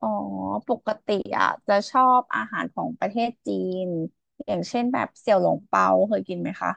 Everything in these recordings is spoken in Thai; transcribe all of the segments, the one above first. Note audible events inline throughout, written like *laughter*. อ๋อปกติอ่ะจะชอบอาหารของประเทศจีนอย่างเช่นแบบเสี่ยวหลงเปาเคยกินไหมคะ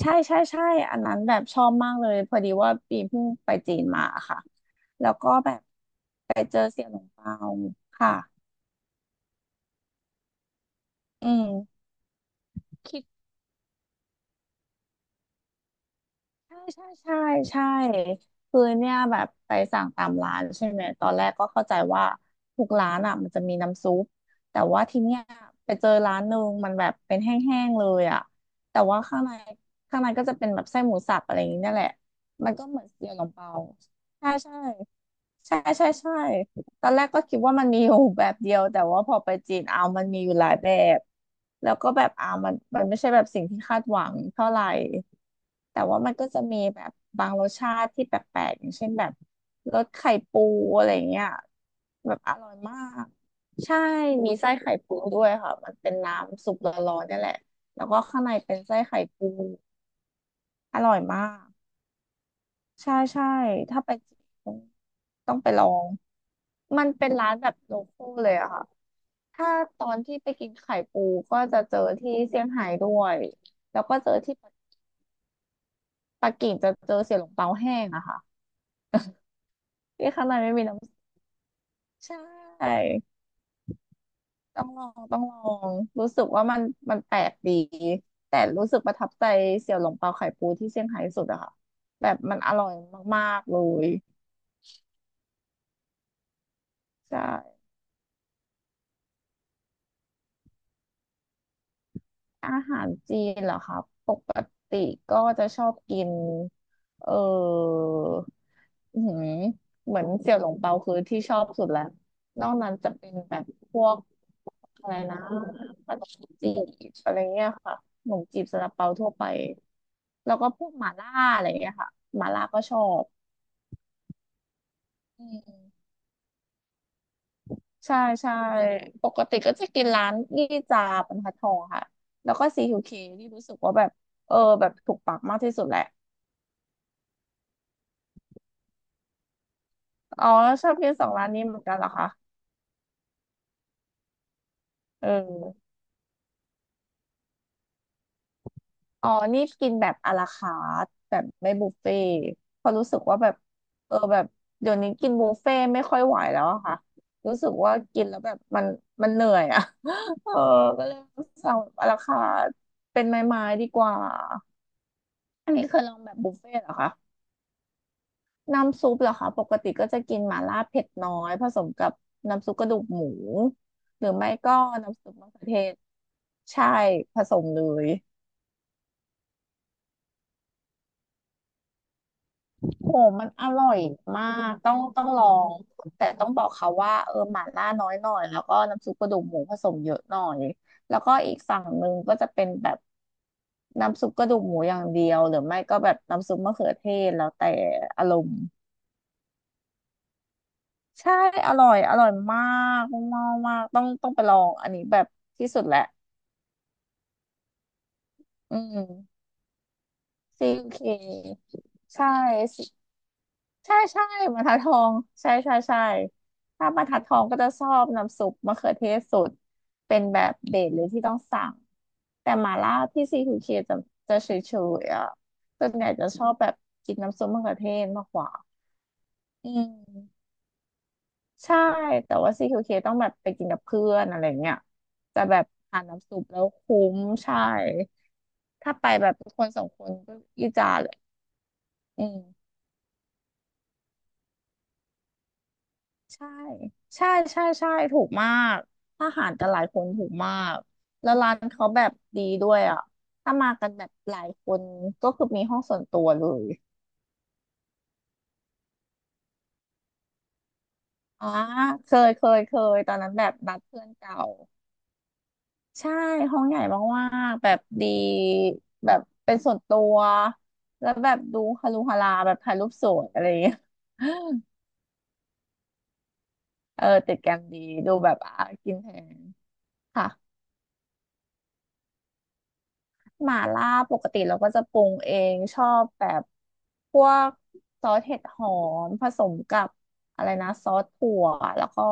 ใช่ใช่ใช่อันนั้นแบบชอบมากเลยพอดีว่าปีเพิ่งไปจีนมาค่ะแล้วก็แบบไปเจอเสี่ยวหลงเปาค่ะอืมคิด ใช่ใช่ใช่ใช่คือเนี่ยแบบไปสั่งตามร้านใช่ไหมตอนแรกก็เข้าใจว่าทุกร้านอ่ะมันจะมีน้ำซุปแต่ว่าทีเนี้ยไปเจอร้านหนึ่งมันแบบเป็นแห้งๆเลยอ่ะแต่ว่าข้างในก็จะเป็นแบบไส้หมูสับอะไรอย่างนี้เนี่ยแหละมันก็เหมือนเสี่ยวหลงเปาใช่ใช่ ใช่ใช่ใช่ตอนแรกก็คิดว่ามันมีอยู่แบบเดียวแต่ว่าพอไปจีนเอามันมีอยู่หลายแบบแล้วก็แบบเอามันไม่ใช่แบบสิ่งที่คาดหวังเท่าไหร่แต่ว่ามันก็จะมีแบบบางรสชาติที่แปลกๆอย่างเช่นแบบรสไข่ปูอะไรเงี้ยแบบอร่อยมากใช่มีไส้ไข่ปูด้วยค่ะมันเป็นน้ำซุปร้อนๆนี่แหละแล้วก็ข้างในเป็นไส้ไข่ปูอร่อยมากใช่ใช่ถ้าไปจีนต้องไปลอง มันเป็นร้านแบบโลคอลเลยอะค่ะถ้าตอนที่ไปกินไข่ปูก็จะเจอที่เซี่ยงไฮ้ด้วยแล้วก็เจอที่ปักกิ่งจะเจอเสี่ยหลงเปาแห้งอะค่ะที่ข้างในไม่มีน้ำใช่ต้องลองรู้สึกว่ามันแปลกดีแต่รู้สึกประทับใจเสี่ยวหลงเปาไข่ปูที่เซี่ยงไฮ้สุดอะค่ะแบบมันอร่อยมากๆเลยใช่ อาหารจีนเหรอคะปกติก็จะชอบกินเอออื้อหือเหมือนเสี่ยวหลงเปาคือที่ชอบสุดแล้วนอกนั้นจะเป็นแบบพวกอะไรนะขนมจีบอะไรเงี้ยค่ะขนมจีบซาลาเปาทั่วไปแล้วก็พวกหม่าล่าอะไรเงี้ยค่ะหม่าล่าก็ชอบอืมใช่ใช่ปกติก็จะกินร้านยี่จาบรรทัดทองค่ะแล้วก็ซีคิวเคที่รู้สึกว่าแบบเออแบบถูกปากมากที่สุดแหละ อ๋อชอบกินสองร้านนี้เหมือนกันเหรอคะเอออ๋อนี่กินแบบอะลาคาร์ทแบบไม่บุฟเฟ่ต์เพราะรู้สึกว่าแบบเออแบบเดี๋ยวนี้กินบุฟเฟ่ต์ไม่ค่อยไหวแล้วอะค่ะรู้สึกว่ากินแล้วแบบมันเหนื่อยอะ *laughs* เออก็เลยสั่งแบบอะลาคาร์ทเป็นไม้ๆดีกว่าอันนี้เคยลองแบบบุฟเฟ่ต์เหรอคะ น้ำซุปเหรอคะปกติก็จะกินหม่าล่าเผ็ดน้อยผสมกับน้ำซุปกระดูกหมูหรือไม่ก็น้ำซุปมะเขือเทศใช่ผสมเลยโหมันอร่อยมากต้องลองแต่ต้องบอกเขาว่าเออหม่าล่าน้อยหน่อยแล้วก็น้ำซุปกระดูกหมูผสมเยอะหน่อยแล้วก็อีกฝั่งหนึ่งก็จะเป็นแบบน้ำซุปกระดูกหมูอย่างเดียวหรือไม่ก็แบบน้ำซุปมะเขือเทศแล้วแต่อารมณ์ ใช่อร่อยอร่อยมากมากมากต้องไปลองอันนี้แบบที่สุดแหละอืมซีเคใช่ใช่ใช่บรรทัดทองใช่ใช่ใช่ถ้าบรรทัดทองก็จะชอบน้ำซุปมะเขือเทศสดเป็นแบบเด็ดเลยที่ต้องสั่งแต่หม่าล่าที่ซีทูเคจะเฉยๆอ่ะส่วนใหญ่จะชอบแบบกินน้ำซุปมะเขือเทศมากกว่าอืม ใช่แต่ว่า CQK ต้องแบบไปกินกับเพื่อนอะไรเงี้ยจะแบบทานน้ำซุปแล้วคุ้มใช่ถ้าไปแบบคนสองคนก็อีจาเลยอืมใช่ใช่ใช่ใช่ถูกมากอาหารแต่หลายคนถูกมากแล้วร้านเขาแบบดีด้วยอ่ะถ้ามากันแบบหลายคนก็คือมีห้องส่วนตัวเลยอ่าเคยเคยเคยตอนนั้นแบบนัดเพื่อนเก่า ใช่ห้องใหญ่มากๆแบบดี แบบเป็นส่วนตัวแล้วแบบดูฮารุฮาราแบบถ่ายรูปสวยอะไรอย่างเงี้ย *laughs* เออติดแกรมดีดูแบบอ่ะกินแพงค่ะหม่าล่าปกติเราก็จะปรุงเองชอบแบบพวกซอสเห็ดหอมผสมกับอะไรนะซอสถั่วแล้วก็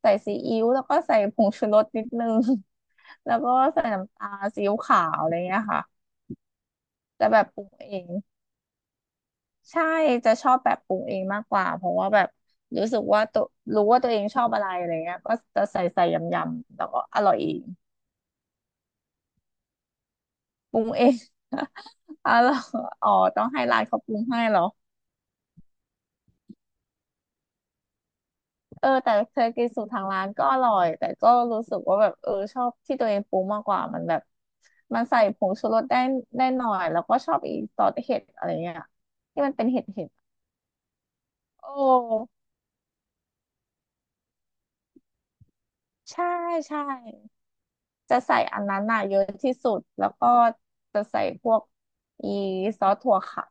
ใส่ซีอิ๊วแล้วก็ใส่ผงชูรสนิดนึง *laughs* แล้วก็ใส่น้ำตาลซีอิ๊วขาวอะไรเงี้ยค่ะแต่แบบปรุงเอง ใช่จะชอบแบบปรุงเองมากกว่าเพราะว่าแบบรู้สึกว่าตัวรู้ว่าตัวเองชอบอะไรอะไรเงี้ยก็จะใส่ใส่ยำยำแล้วก็อร่อยเองปรุงเอง *laughs* อร่อยอ๋อต้องให้ร้านเขาปรุงให้เหรอเออแต่เคยกินสูตรทางร้านก็อร่อยแต่ก็รู้สึกว่าแบบเออชอบที่ตัวเองปรุงมากกว่ามันแบบมันใส่ผงชูรสได้หน่อยแล้วก็ชอบอีซอสเห็ดอะไรเงี้ยที่มันเป็นเห็ดเห็ดโอ้ใช่ใช่ จะใส่อันนั้นน่ะเยอะที่สุดแล้วก็จะใส่พวกอีซอสถั่วค่ะ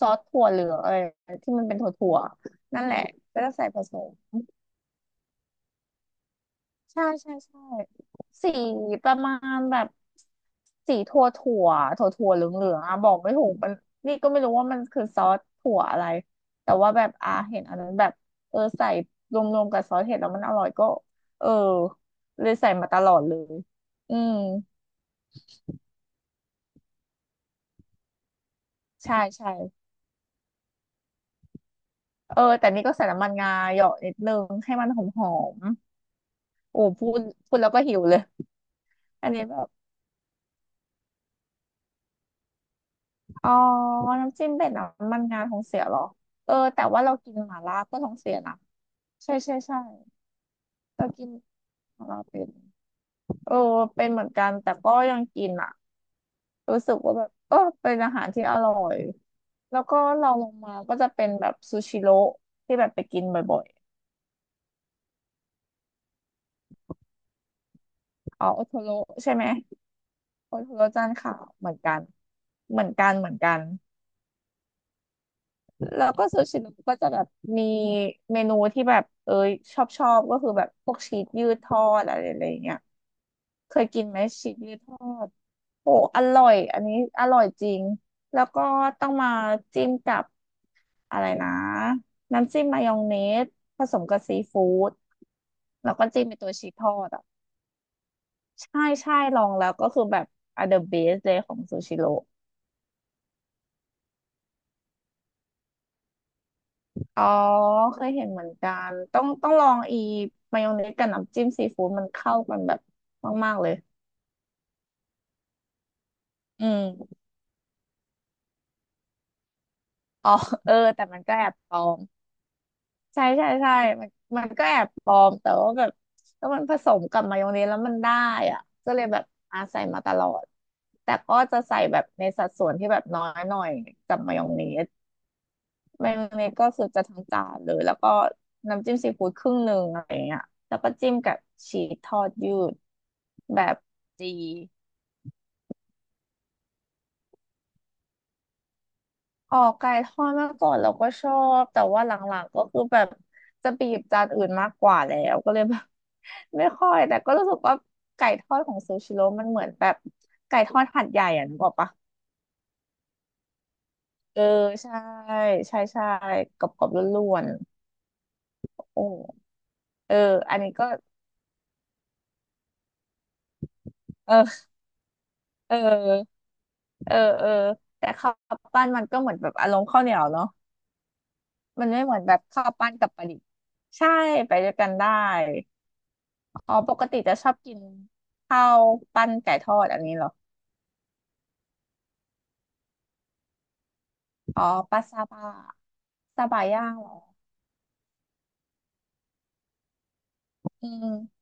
ซอสถั่วเหลืองเอ้ยที่มันเป็นถั่วถั่วนั่นแหละก็จะใส่ผสมใช่ใช่ใช่สีประมาณแบบสีถั่วถั่วเหลืองเหลืองอ่ะบอกไม่ถูกมันนี่ก็ไม่รู้ว่ามันคือซอสถั่วอะไรแต่ว่าแบบอาเห็นอันนั้นแบบเออใส่รวมๆกับซอสเห็ดแล้วมันอร่อยก็เออเลยใส่มาตลอดเลยอืมใช่ใช่ เออแต่นี่ก็ใส่น้ำมันงาเหยาะนิดนึงให้มันหอมหอมโอ้พูดแล้วก็หิวเลยอันนี้แบบอ๋อน้ำจิ้มเป็ดน้ำมันงาท้องเสียเหรอเออแต่ว่าเรากินหม่าล่าก็ท้องเสียนะใช่ใช่ใช่เรากินหม่าล่าเป็นเออเป็นเหมือนกันแต่ก็ยังกินอ่ะรู้สึกว่าแบบเออเป็นอาหารที่อร่อยแล้วก็เราลงมาก็จะเป็นแบบซูชิโร่ที่แบบไปกินบ่อยๆอ๋อโอโทโร่ใช่ไหมโอโทโร่จานขาวเหมือนกันเหมือนกัน แล้วก็ซูชิโนก็จะแบบมีเมนูที่แบบเอยชอบก็คือแบบพวกชีสยืดทอดอะไรอะไรเงี้ยเคยกินไหมชีสยืดทอดโอ้อร่อยอันนี้อร่อยจริงแล้วก็ต้องมาจิ้มกับอะไรนะน้ำจิ้มมายองเนสผสมกับซีฟู้ดแล้วก็จิ้มเป็นตัวชีสทอดอ่ะใช่ใช่ลองแล้วก็คือแบบ are the best เลยของซูชิโร่ อ๋อเคยเห็นเหมือนกันต้องลองอีมายองเนสกับน้ำจิ้มซีฟู้ดมันเข้ากันแบบมากๆเลยอืมอ๋อเออแต่มันก็แอบปลอมใช่ใช่ใช่มันมันก็แอบปลอมแต่ว่าแบบถ้ามันผสมกับมายองเนสแล้วมันได้อ่ะก็เลยแบบอาใส่มาตลอดแต่ก็จะใส่แบบในสัดส่วนที่แบบน้อยหน่อยกับมายองเนส เมนูนี้ก็คือจะทั้งจานเลยแล้วก็น้ำจิ้มซีฟู้ดครึ่งหนึ่งอะไรเงี้ยแล้วก็จิ้มกับชีสทอดยืดแบบดีออกไก่ทอดเมื่อก่อนเราก็ชอบแต่ว่าหลังๆก็คือแบบจะไปหยิบจานอื่นมากกว่าแล้วก็เลยแบบ *laughs* ไม่ค่อยแต่ก็รู้สึกว่าไก่ทอดของซูชิโร่มันเหมือนแบบไก่ทอดหัดใหญ่อ่ะนึกออกปะเออใช่ใช่ใช่กรอบๆล้วนๆโอ้เอออันนี้ก็เออเออ เออเออแต่ข้าวปั้นมันก็เหมือนแบบอารมณ์ข้าวเหนียวเนาะมันไม่เหมือนแบบข้าวปั้นกับปลาดิบใช่ไปด้วยกันได้อ๋อปกติจะชอบกินข้าวปั้นไก่ทอดอันนี้เหรออ๋อปลาซาบะซาบะย่างเหรออืม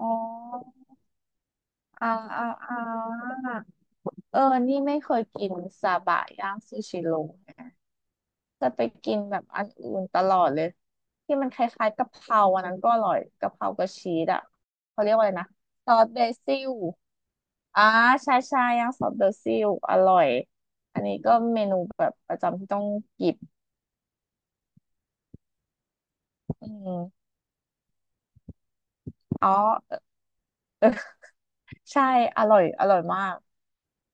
อ๋ออ่าอ่าอ่าเออนี่ไม่เคยกินซาบะย่างซูชิโร่ จะไปกินแบบอันอื่นตลอดเลยที่มันคล้ายๆกะเพราอันนั้นก็อร่อยกะเพรากับชีสอ่ะเขาเรียกว่าอะไรนะซอสเบซิลอ่าใช่ใช่ย่างซอสเบซิลอร่อยอันนี้ก็เมนูแบบประจำที่ต้องกิบอืมอ๋อ *laughs* ใช่อร่อยมาก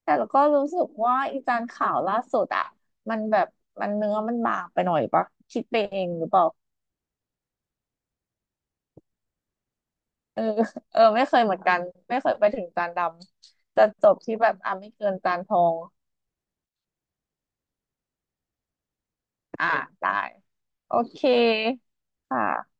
แต่แล้วก็รู้สึกว่าอีจานข่าวล่าสุดอะมันแบบมันเนื้อมันบางไปหน่อยปะคิดไปเองหรือเปล่า เออเออไม่เคยเหมือนกันไม่เคยไปถึงจานดำจะจบที่แบบอ่ะไม่เกินจานทองอ่าได้โอเคค่ะ